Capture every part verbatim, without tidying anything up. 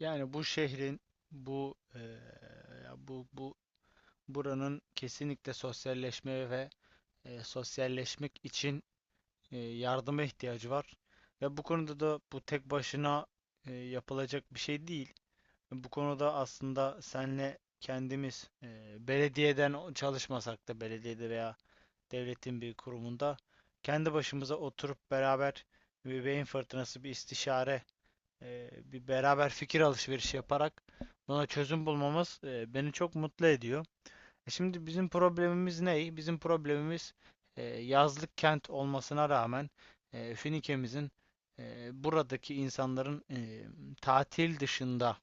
Yani bu şehrin, bu eee, ya bu bu buranın kesinlikle sosyalleşmeye ve eee, sosyalleşmek için eee, yardıma ihtiyacı var. Ve bu konuda da bu tek başına eee, yapılacak bir şey değil. Bu konuda aslında senle kendimiz eee, belediyeden o- çalışmasak da belediyede veya devletin bir kurumunda kendi başımıza oturup beraber bir beyin fırtınası, bir istişare, e, bir beraber fikir alışverişi yaparak buna çözüm bulmamız e, beni çok mutlu ediyor. E şimdi bizim problemimiz ne? Bizim problemimiz e, yazlık kent olmasına rağmen e, Finike'mizin, e, buradaki insanların e, tatil dışında,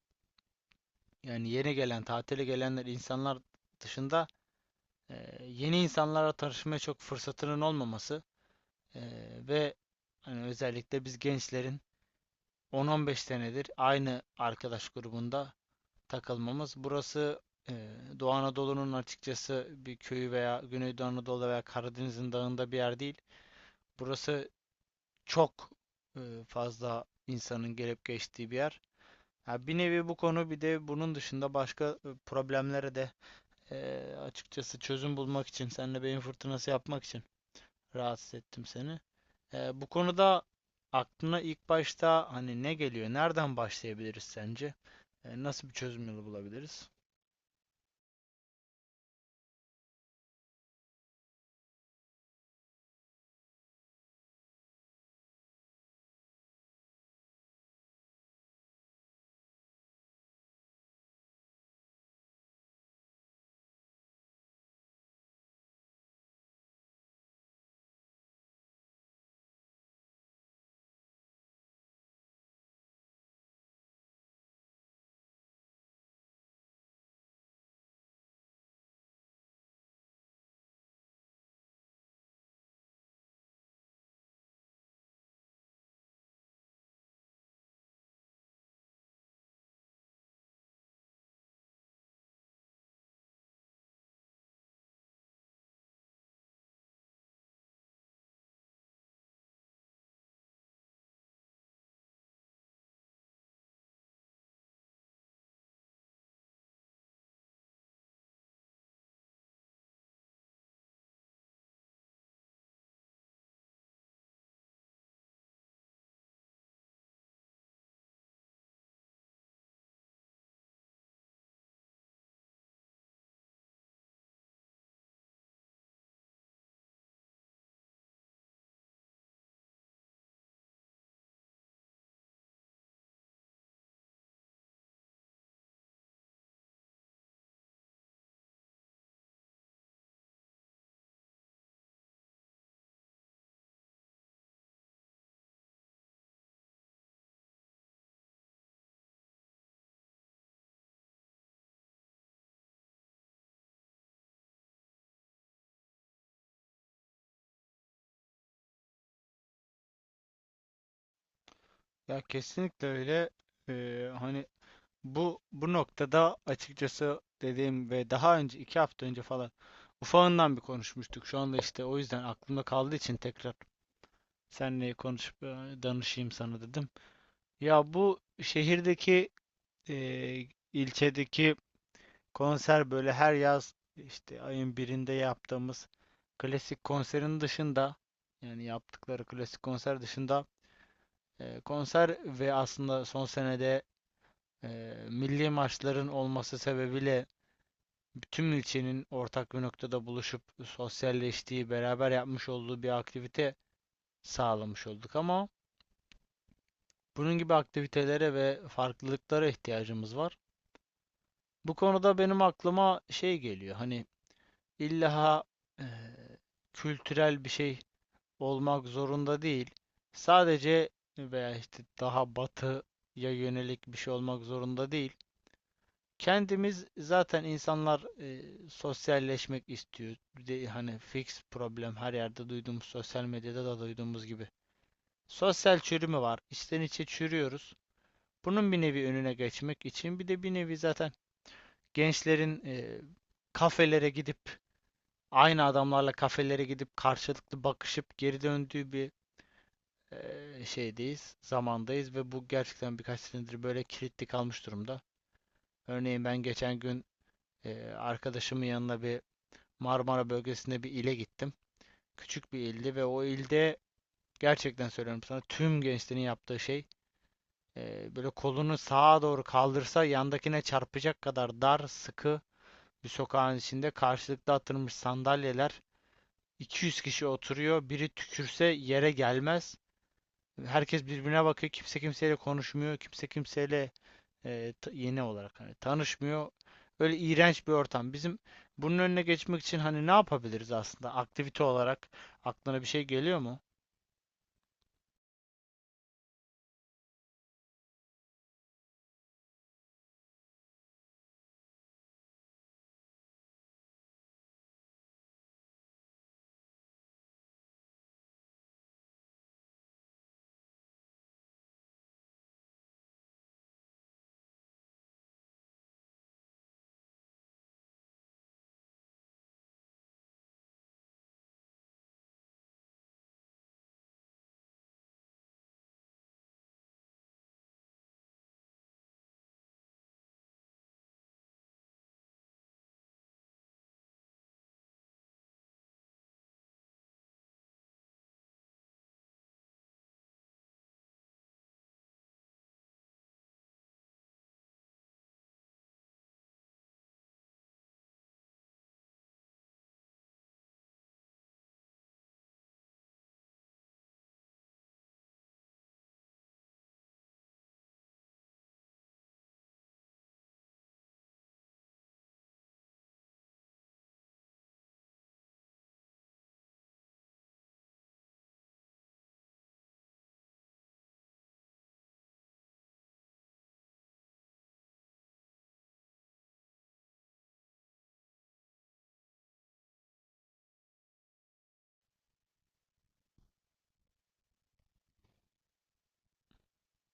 yani yeni gelen, tatile gelenler insanlar dışında, e, yeni insanlara tanışmaya çok fırsatının olmaması e, ve hani özellikle biz gençlerin on on beş senedir aynı arkadaş grubunda takılmamız. Burası e, Doğu Anadolu'nun açıkçası bir köyü veya Güneydoğu Anadolu veya Karadeniz'in dağında bir yer değil. Burası çok e, fazla insanın gelip geçtiği bir yer. Ha, bir nevi bu konu bir de bunun dışında başka e, problemlere de, e, açıkçası çözüm bulmak için, seninle beyin fırtınası yapmak için rahatsız ettim seni. E, bu konuda aklına ilk başta hani ne geliyor, nereden başlayabiliriz sence? E, nasıl bir çözüm yolu bulabiliriz? Ya kesinlikle öyle. Ee, hani bu bu noktada açıkçası dediğim ve daha önce iki hafta önce falan ufağından bir konuşmuştuk. Şu anda işte o yüzden aklımda kaldığı için tekrar seninle konuşup e, danışayım sana dedim. Ya bu şehirdeki e, ilçedeki konser, böyle her yaz işte ayın birinde yaptığımız klasik konserin dışında, yani yaptıkları klasik konser dışında e, konser ve aslında son senede Eee, milli maçların olması sebebiyle bütün ilçenin ortak bir noktada buluşup sosyalleştiği, beraber yapmış olduğu bir aktivite sağlamış olduk, ama bunun gibi aktivitelere ve farklılıklara ihtiyacımız var. Bu konuda benim aklıma şey geliyor. Hani illa eee, kültürel bir şey olmak zorunda değil. Sadece veya işte daha batıya yönelik bir şey olmak zorunda değil. Kendimiz zaten insanlar e, sosyalleşmek istiyor. De, hani fix problem her yerde duyduğumuz, sosyal medyada da duyduğumuz gibi. Sosyal çürüme var. İçten içe çürüyoruz. Bunun bir nevi önüne geçmek için bir de bir nevi zaten gençlerin e, kafelere gidip aynı adamlarla kafelere gidip karşılıklı bakışıp geri döndüğü bir e, şeydeyiz, zamandayız ve bu gerçekten birkaç senedir böyle kilitli kalmış durumda. Örneğin ben geçen gün e, arkadaşımın yanına bir Marmara bölgesinde bir ile gittim. Küçük bir ildi ve o ilde gerçekten söylüyorum sana, tüm gençlerin yaptığı şey, e, böyle kolunu sağa doğru kaldırsa yandakine çarpacak kadar dar, sıkı bir sokağın içinde karşılıklı atılmış sandalyeler, iki yüz kişi oturuyor. Biri tükürse yere gelmez. Herkes birbirine bakıyor. Kimse kimseyle konuşmuyor. Kimse kimseyle E, yeni olarak hani tanışmıyor. Öyle iğrenç bir ortam. Bizim bunun önüne geçmek için hani ne yapabiliriz aslında? Aktivite olarak aklına bir şey geliyor mu?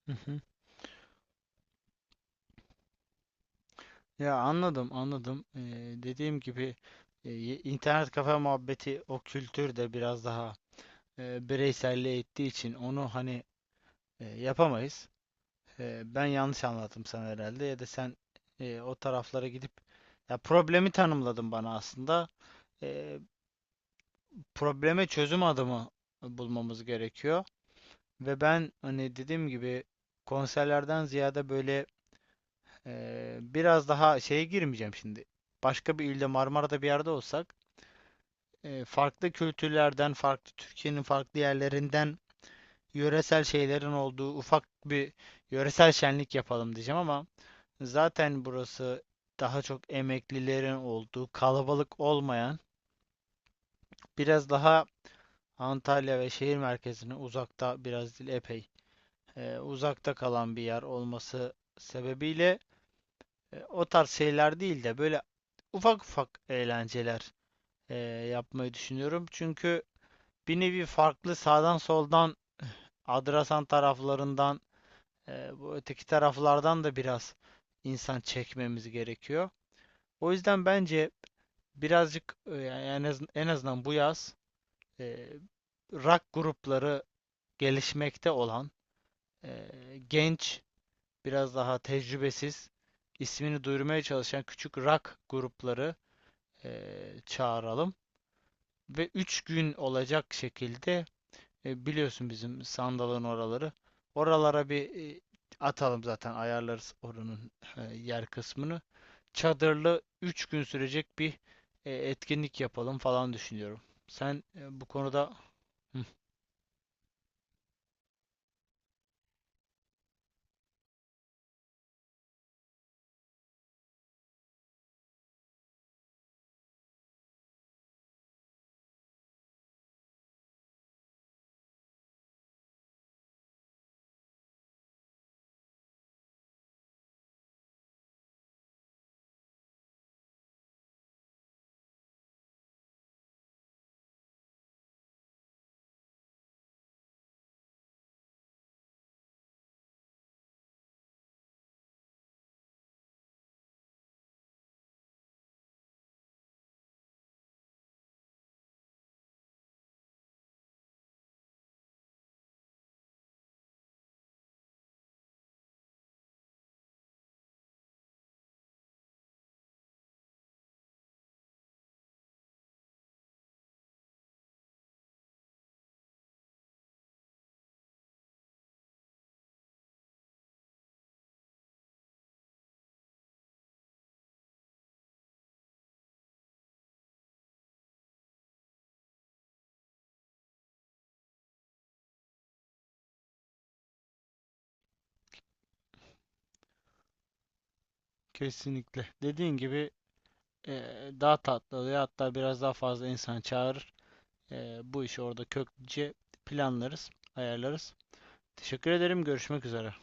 Hı hı. Ya anladım, anladım. Ee, dediğim gibi, e, ye- internet kafe muhabbeti o kültürde biraz daha e, bireyselliğe ettiği için onu hani e, yapamayız. E, ben yanlış anlattım sana herhalde, ya da sen e, o taraflara gidip ya problemi tanımladın bana aslında. E, Probleme çözüm adımı bulmamız gerekiyor. Ve ben hani dediğim gibi konserlerden ziyade böyle e, biraz daha şeye girmeyeceğim şimdi. Başka bir ilde Marmara'da bir yerde olsak e, farklı kültürlerden, farklı Türkiye'nin farklı yerlerinden yöresel şeylerin olduğu ufak bir yöresel şenlik yapalım diyeceğim, ama zaten burası daha çok emeklilerin olduğu, kalabalık olmayan, biraz daha Antalya ve şehir merkezine uzakta, biraz değil epey e, uzakta kalan bir yer olması sebebiyle e, o tarz şeyler değil de böyle ufak ufak eğlenceler e, yapmayı düşünüyorum. Çünkü bir nevi farklı sağdan soldan Adrasan taraflarından, e, bu öteki taraflardan da biraz insan çekmemiz gerekiyor. O yüzden bence birazcık e, yani en az- en azından bu yaz e, rock grupları, gelişmekte olan, e, genç, biraz daha tecrübesiz, ismini duyurmaya çalışan küçük rock grupları eee, çağıralım. Ve üç gün olacak şekilde e, biliyorsun bizim sandalın oraları. Oralara bir e, atalım, zaten ayarlarız oranın e, yer kısmını. Çadırlı üç gün sürecek bir e, etkinlik yapalım falan düşünüyorum. Sen e, bu konuda Hı, kesinlikle dediğin gibi e, daha tatlı oluyor. Hatta biraz daha fazla insan çağırır. Ee, bu işi orada kökçe planlarız, ayarlarız. Teşekkür ederim. Görüşmek üzere.